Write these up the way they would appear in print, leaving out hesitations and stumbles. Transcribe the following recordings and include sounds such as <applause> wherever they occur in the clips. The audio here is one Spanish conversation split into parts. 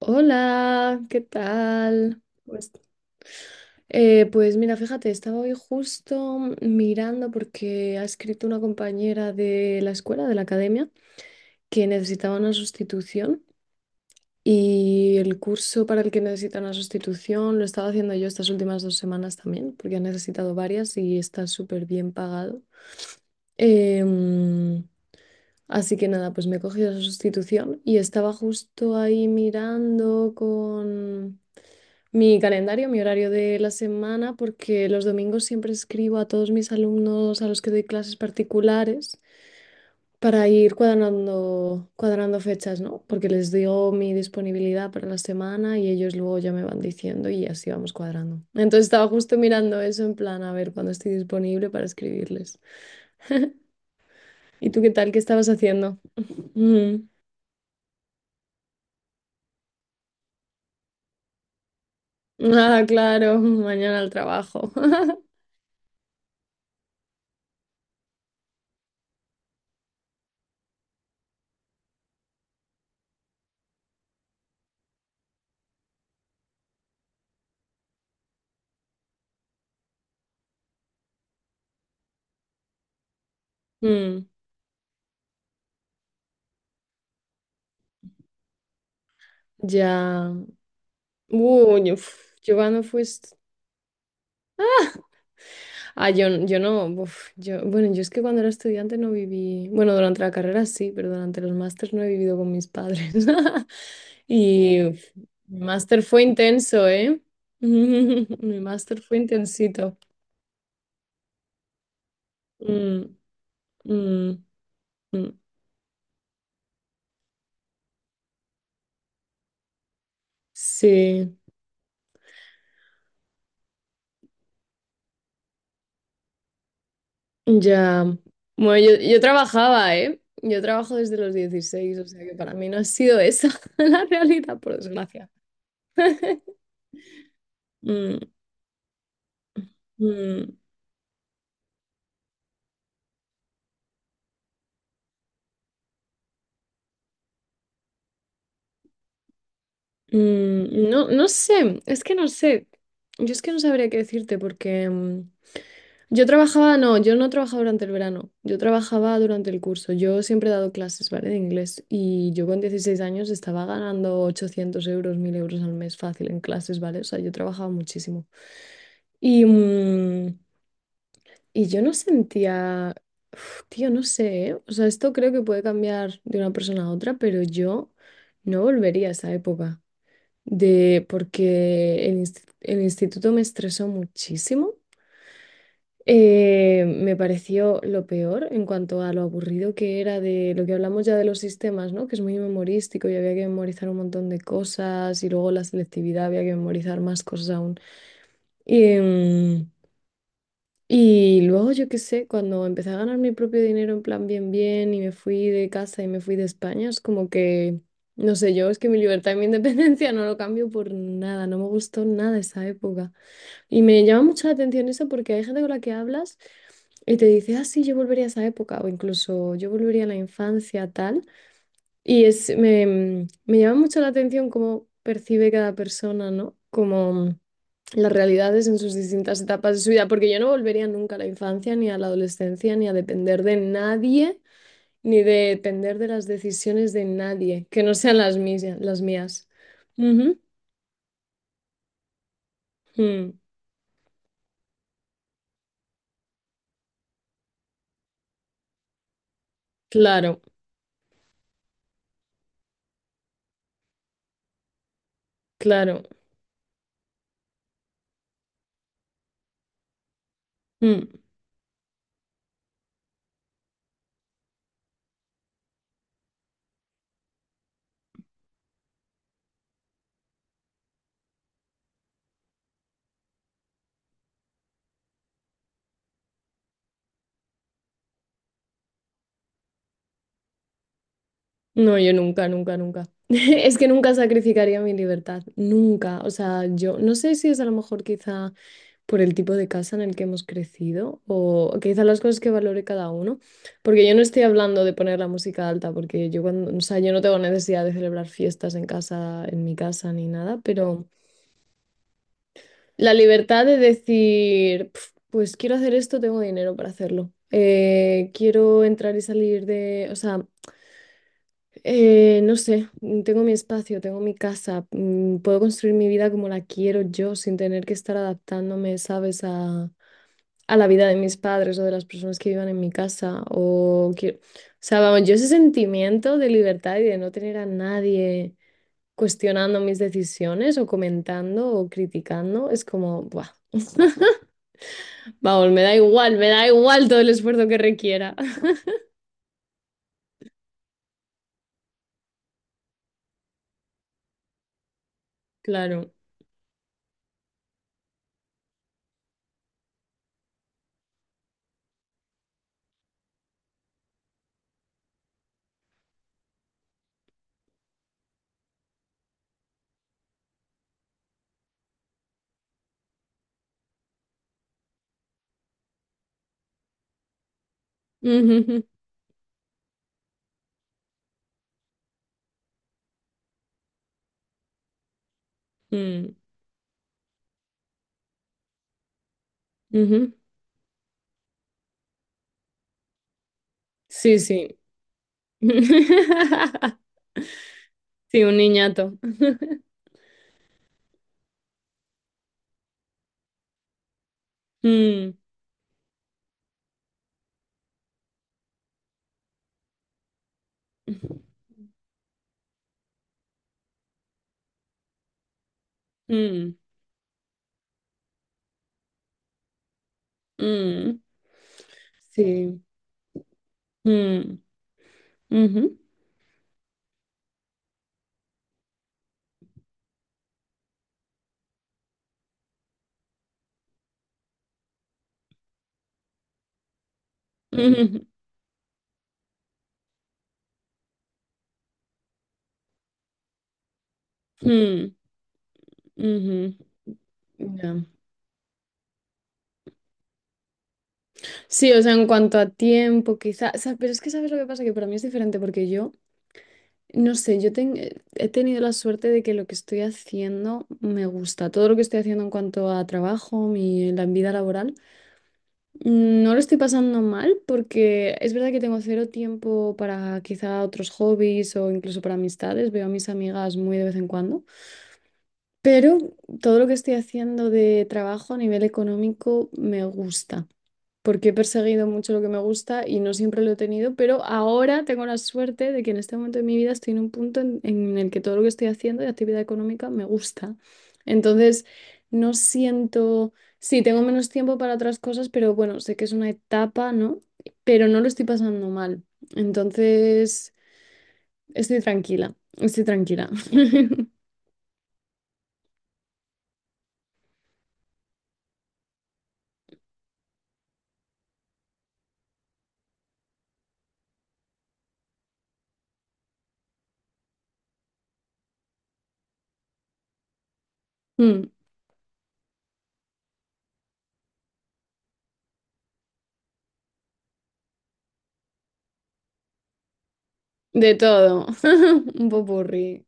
Hola, ¿qué tal? Pues, pues mira, fíjate, estaba hoy justo mirando porque ha escrito una compañera de la escuela, de la academia, que necesitaba una sustitución y el curso para el que necesita una sustitución lo estaba haciendo yo estas últimas dos semanas también, porque ha necesitado varias y está súper bien pagado. Em, Así que nada, pues me he cogido esa sustitución y estaba justo ahí mirando con mi calendario, mi horario de la semana, porque los domingos siempre escribo a todos mis alumnos a los que doy clases particulares para ir cuadrando, cuadrando fechas, ¿no? Porque les digo mi disponibilidad para la semana y ellos luego ya me van diciendo y así vamos cuadrando. Entonces estaba justo mirando eso en plan a ver cuándo estoy disponible para escribirles. ¿Y tú qué tal? ¿Qué estabas haciendo? <laughs> Mm. Ah, claro, mañana al trabajo. <laughs> Mm, ya. Uy, uf, yo cuando fui, ah, yo, yo no, uf, yo, bueno, yo es que cuando era estudiante no viví, bueno, durante la carrera sí, pero durante los másters no he vivido con mis padres. <laughs> Y uf, mi máster fue intenso, ¿eh? <laughs> Mi máster fue intensito. Mm, mm, mm. Sí, ya. Bueno, yo trabajaba, ¿eh? Yo trabajo desde los 16, o sea que para mí no ha sido esa <laughs> la realidad, por desgracia. Mm, mm. Mm, no, no sé, es que no sé. Yo es que no sabría qué decirte porque yo trabajaba, no, yo no trabajaba durante el verano, yo trabajaba durante el curso. Yo siempre he dado clases, ¿vale? De inglés, y yo con 16 años estaba ganando 800 euros, 1.000 euros al mes fácil en clases, ¿vale? O sea, yo trabajaba muchísimo. Y, mm, y yo no sentía, uf, tío, no sé, ¿eh? O sea, esto creo que puede cambiar de una persona a otra, pero yo no volvería a esa época de, porque el instituto me estresó muchísimo. Me pareció lo peor en cuanto a lo aburrido que era, de lo que hablamos ya de los sistemas, ¿no? Que es muy memorístico y había que memorizar un montón de cosas, y luego la selectividad, había que memorizar más cosas aún. Y luego, yo qué sé, cuando empecé a ganar mi propio dinero en plan bien, bien, y me fui de casa y me fui de España, es como que, no sé, yo es que mi libertad y mi independencia <laughs> no lo cambio por nada, no me gustó nada esa época. Y me llama mucho la atención eso, porque hay gente con la que hablas y te dice, ah, sí, yo volvería a esa época, o incluso yo volvería a la infancia, tal. Y es, me llama mucho la atención cómo percibe cada persona, ¿no? Como las realidades en sus distintas etapas de su vida, porque yo no volvería nunca a la infancia, ni a la adolescencia, ni a depender de nadie, ni de depender de las decisiones de nadie, que no sean las mías, las mías. Ujú. Mm, claro, claro. Mm. No, yo nunca, nunca, nunca. <laughs> Es que nunca sacrificaría mi libertad, nunca. O sea, yo no sé si es a lo mejor quizá por el tipo de casa en el que hemos crecido, o quizá las cosas que valore cada uno, porque yo no estoy hablando de poner la música alta, porque yo cuando, o sea, yo no tengo necesidad de celebrar fiestas en casa, en mi casa ni nada, pero la libertad de decir, "Pf, pues quiero hacer esto, tengo dinero para hacerlo. Quiero entrar y salir de, o sea, no sé, tengo mi espacio, tengo mi casa, puedo construir mi vida como la quiero yo sin tener que estar adaptándome, ¿sabes? A la vida de mis padres o de las personas que vivan en mi casa. O, o sea, vamos, yo ese sentimiento de libertad y de no tener a nadie cuestionando mis decisiones o comentando o criticando, es como, ¡buah! <laughs> Vamos, me da igual todo el esfuerzo que requiera. <laughs> Claro. Ujú, ujú, mm, ujú. Sí, sí. <laughs> Sí, un niñato. <laughs> Mm, mm, mm. Sí. Mm, ujú, ujú, <laughs> mm, ujú. Ya. Sí, o sea, en cuanto a tiempo, quizá, o sea, pero es que sabes lo que pasa, que para mí es diferente porque yo, no sé, he tenido la suerte de que lo que estoy haciendo me gusta, todo lo que estoy haciendo en cuanto a trabajo, la vida laboral. No lo estoy pasando mal, porque es verdad que tengo cero tiempo para quizá otros hobbies o incluso para amistades. Veo a mis amigas muy de vez en cuando, pero todo lo que estoy haciendo de trabajo a nivel económico me gusta, porque he perseguido mucho lo que me gusta y no siempre lo he tenido, pero ahora tengo la suerte de que en este momento de mi vida estoy en un punto en el que todo lo que estoy haciendo de actividad económica me gusta. Entonces, no siento, sí, tengo menos tiempo para otras cosas, pero bueno, sé que es una etapa, ¿no? Pero no lo estoy pasando mal. Entonces, estoy tranquila, estoy tranquila. <laughs> Mm, de todo, <laughs> un popurrí,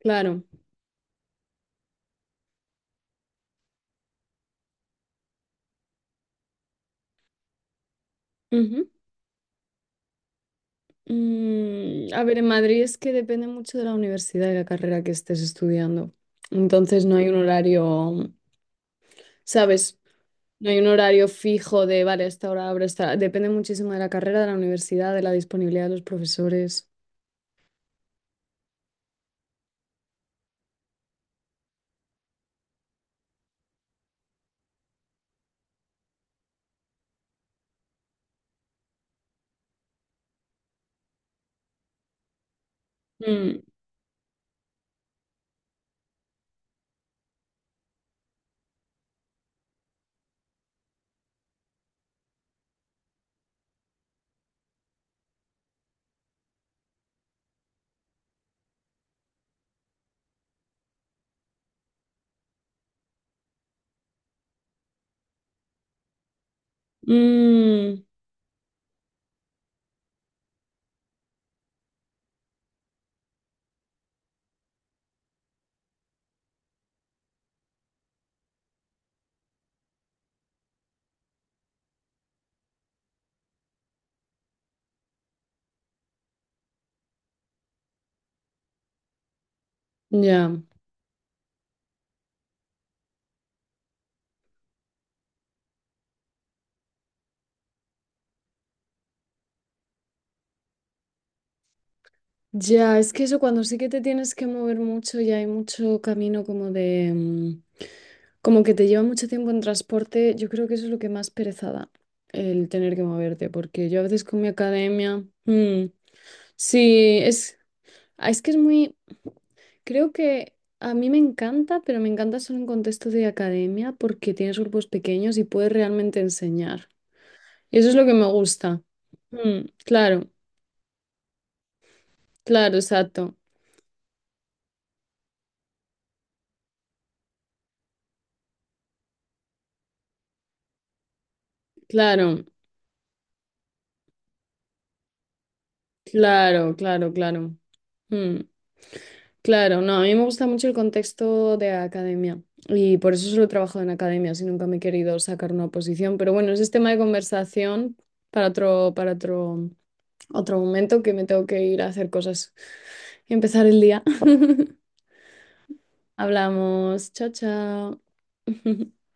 claro. Ujú. Mm, a ver, en Madrid es que depende mucho de la universidad y la carrera que estés estudiando. Entonces no hay un horario, ¿sabes? No hay un horario fijo de, vale, a esta hora abro, a esta hora". Depende muchísimo de la carrera, de la universidad, de la disponibilidad de los profesores. Mm, mm, ya. Ya, es que eso, cuando sí que te tienes que mover mucho y hay mucho camino como de. Como que te lleva mucho tiempo en transporte, yo creo que eso es lo que más pereza da, el tener que moverte, porque yo a veces con mi academia. Sí, es. Ah, es que es muy. Creo que a mí me encanta, pero me encanta solo en contexto de academia, porque tienes grupos pequeños y puedes realmente enseñar. Y eso es lo que me gusta. Mm, claro, claro, exacto. Claro, claro, claro, claro. Mm. Claro, no, a mí me gusta mucho el contexto de academia, y por eso solo trabajo en academia, si nunca me he querido sacar una posición, pero bueno, ese es tema de conversación para otro momento, que me tengo que ir a hacer cosas y empezar el día. <laughs> Hablamos, chao, chao. <laughs>